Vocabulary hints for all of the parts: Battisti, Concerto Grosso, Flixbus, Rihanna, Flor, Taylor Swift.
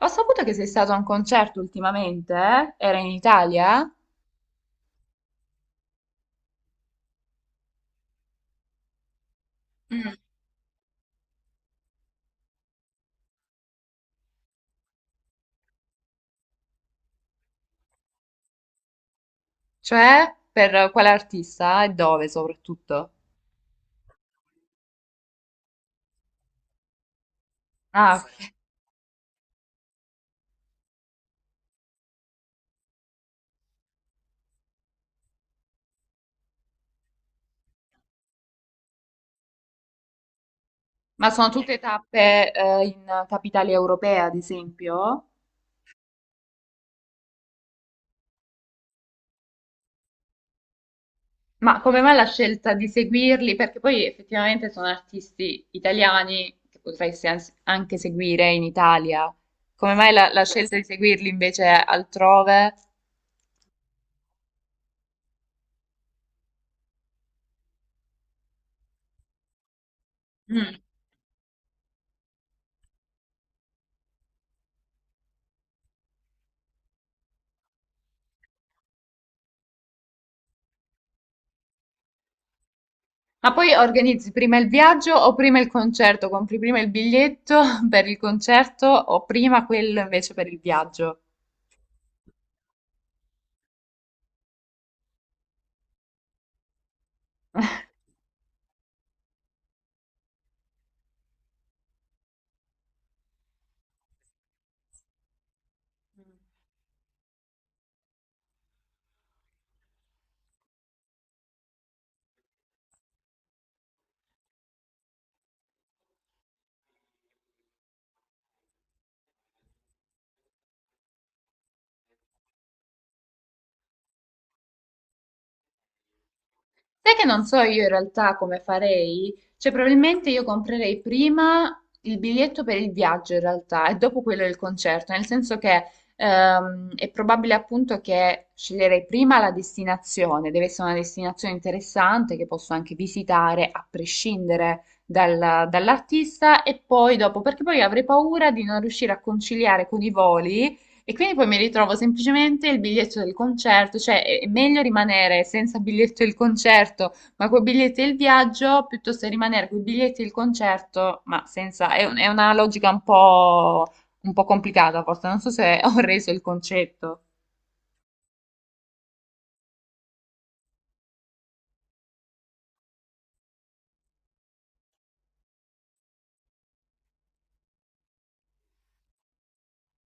Ho saputo che sei stato a un concerto ultimamente, eh? Era in Italia? Cioè, per quale artista e dove soprattutto? Ah, ok. Ma sono tutte tappe, in capitale europea, ad esempio? Ma come mai la scelta di seguirli? Perché poi effettivamente sono artisti italiani che potresti anche seguire in Italia. Come mai la scelta di seguirli invece altrove? Ma poi organizzi prima il viaggio o prima il concerto? Compri prima il biglietto per il concerto o prima quello invece per il viaggio? Sai che non so io in realtà come farei? Cioè, probabilmente io comprerei prima il biglietto per il viaggio in realtà e dopo quello del concerto, nel senso che è probabile appunto che sceglierei prima la destinazione, deve essere una destinazione interessante che posso anche visitare a prescindere dall'artista e poi dopo, perché poi avrei paura di non riuscire a conciliare con i voli e quindi poi mi ritrovo semplicemente il biglietto del concerto, cioè è meglio rimanere senza biglietto del concerto, ma con biglietti del viaggio, piuttosto che rimanere con i biglietti del concerto, ma senza. È una logica un po' complicata, forse, non so se ho reso il concetto.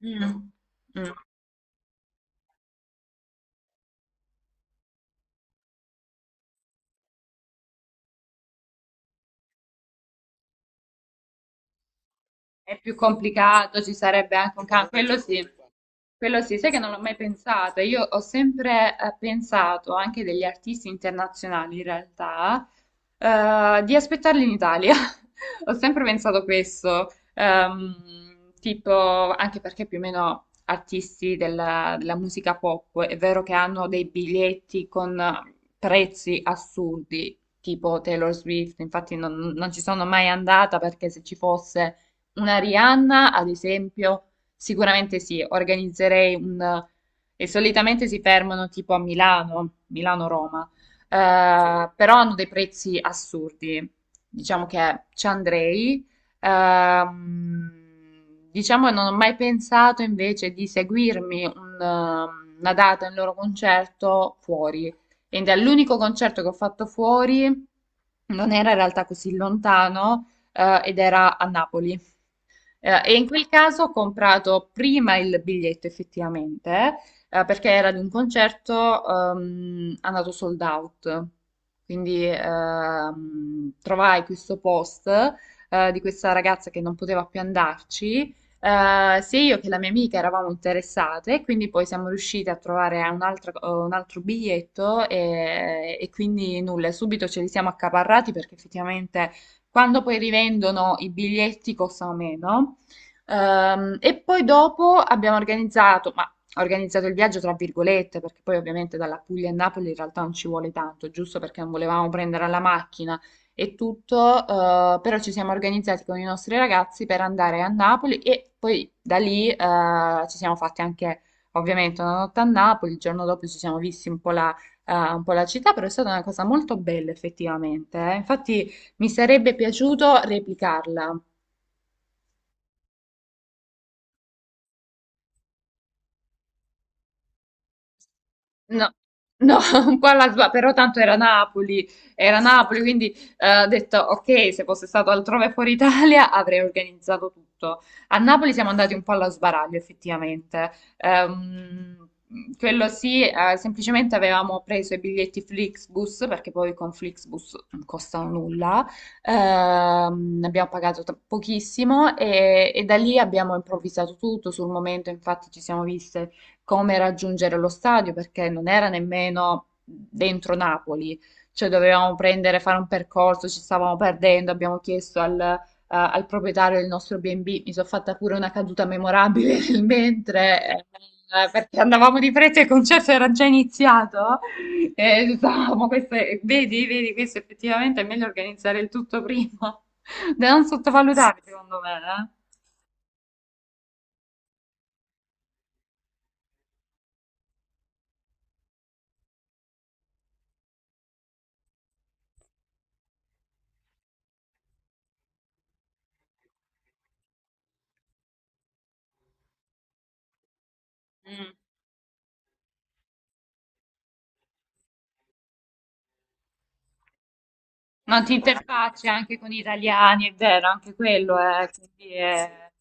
Mm. Mm. È più complicato, ci sarebbe anche un cambio, quello sì. Quello sì, sai che non l'ho mai pensato. Io ho sempre pensato, anche degli artisti internazionali in realtà, di aspettarli in Italia. Ho sempre pensato questo, tipo, anche perché più o meno artisti della musica pop, è vero che hanno dei biglietti con prezzi assurdi, tipo Taylor Swift, infatti non ci sono mai andata perché se ci fosse una Rihanna, ad esempio. Sicuramente sì, organizzerei un... e solitamente si fermano tipo a Milano, Milano-Roma, però hanno dei prezzi assurdi. Diciamo che ci andrei. Ehm, diciamo che non ho mai pensato invece di seguirmi un, una data, un loro concerto fuori. Ed è l'unico concerto che ho fatto fuori, non era in realtà così lontano, ed era a Napoli. E in quel caso ho comprato prima il biglietto effettivamente, perché era di un concerto andato sold out. Quindi trovai questo post di questa ragazza che non poteva più andarci. Eh, sia io che la mia amica eravamo interessate, quindi poi siamo riuscite a trovare un altro biglietto e quindi nulla, subito ce li siamo accaparrati perché effettivamente quando poi rivendono i biglietti costano meno. E poi dopo abbiamo organizzato, ma organizzato il viaggio tra virgolette, perché poi ovviamente dalla Puglia a Napoli in realtà non ci vuole tanto, giusto perché non volevamo prendere la macchina e tutto, però ci siamo organizzati con i nostri ragazzi per andare a Napoli e poi da lì ci siamo fatti anche ovviamente una notte a Napoli, il giorno dopo ci siamo visti un po' la città, però è stata una cosa molto bella effettivamente. Eh. Infatti mi sarebbe piaciuto replicarla. No, no, un po' però tanto era Napoli, quindi ho detto ok, se fosse stato altrove fuori Italia avrei organizzato tutto. A Napoli siamo andati un po' allo sbaraglio, effettivamente. Ehm, quello sì, semplicemente avevamo preso i biglietti Flixbus, perché poi con Flixbus non costano nulla. Ne abbiamo pochissimo e da lì abbiamo improvvisato tutto sul momento, infatti ci siamo viste come raggiungere lo stadio perché non era nemmeno dentro Napoli, cioè dovevamo prendere, fare un percorso, ci stavamo perdendo, abbiamo chiesto al proprietario del nostro B&B, mi sono fatta pure una caduta memorabile nel mentre, perché andavamo di fretta e il concerto era già iniziato. E stavamo, queste, vedi, vedi, questo effettivamente è meglio organizzare il tutto prima, da non sottovalutare secondo me, eh. Mm. Non ti interfacci anche con gli italiani, è vero, anche quello è, quindi sì, è-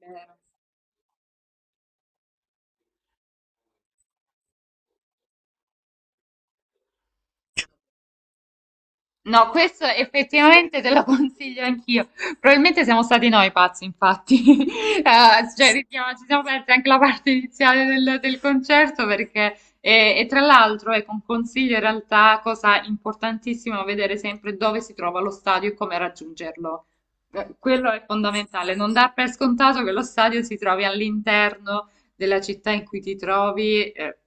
vero. No, questo effettivamente te lo consiglio anch'io. Probabilmente siamo stati noi pazzi, infatti. Cioè, ci siamo persi anche la parte iniziale del concerto perché, e tra l'altro, ecco, un consiglio in realtà, cosa importantissima, vedere sempre dove si trova lo stadio e come raggiungerlo. Quello è fondamentale, non dar per scontato che lo stadio si trovi all'interno della città in cui ti trovi,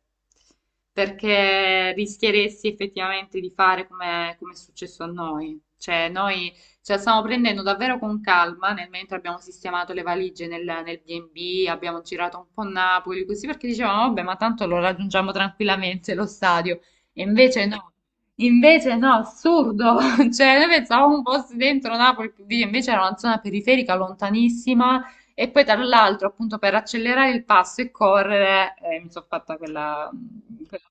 perché rischieresti effettivamente di fare come, come è successo a noi. Cioè, noi ce la stiamo prendendo davvero con calma nel mentre abbiamo sistemato le valigie nel B&B, abbiamo girato un po' Napoli, così perché dicevamo, vabbè, ma tanto lo raggiungiamo tranquillamente lo stadio. E invece no, assurdo. Cioè, noi pensavamo un po' dentro Napoli, invece era una zona periferica lontanissima e poi tra l'altro, appunto, per accelerare il passo e correre, mi sono fatta quella, quella,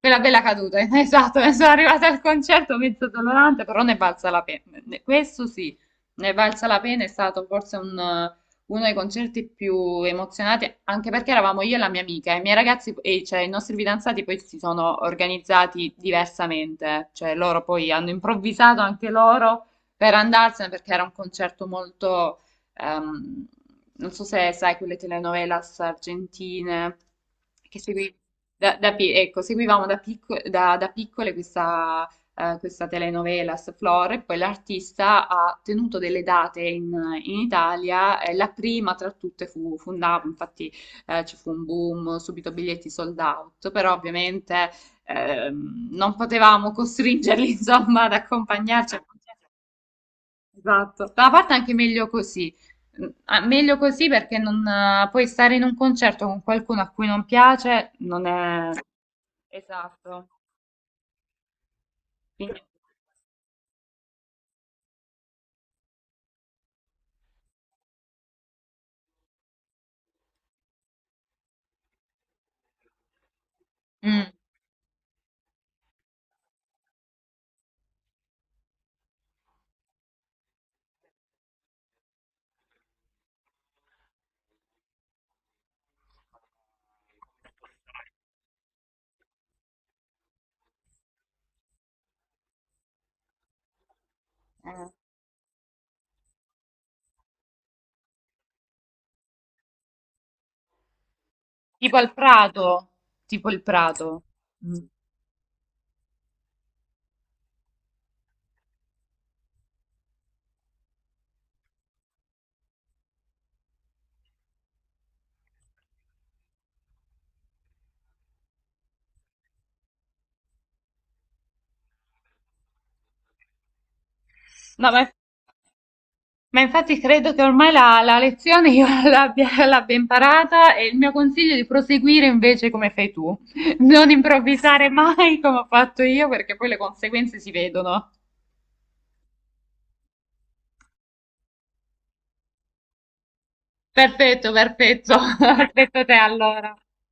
quella bella caduta. Esatto, ne sono arrivata al concerto mezzo dolorante, però ne è valsa la pena. Questo sì, ne è valsa la pena, è stato forse un, uno dei concerti più emozionati, anche perché eravamo io e la mia amica, e i miei ragazzi, e cioè i nostri fidanzati poi si sono organizzati diversamente, cioè loro poi hanno improvvisato anche loro per andarsene perché era un concerto molto... Ehm, non so se sai quelle telenovelas argentine che da, ecco, seguivamo da, da piccole questa, questa telenovelas Flor e poi l'artista ha tenuto delle date in, in Italia e la prima tra tutte fu Napoli, infatti ci fu un boom, subito biglietti sold out, però ovviamente non potevamo costringerli insomma ad accompagnarci. Esatto, da una parte è anche meglio così. Mm, ah, meglio così perché non, poi stare in un concerto con qualcuno a cui non piace non è... Esatto. Quindi... Mm, eh. Tipo il Prato, tipo il Prato. Mm. No, ma infatti credo che ormai la lezione io l'abbia imparata e il mio consiglio è di proseguire invece come fai tu, non improvvisare mai come ho fatto io perché poi le conseguenze si vedono. Perfetto, perfetto, aspetto te allora.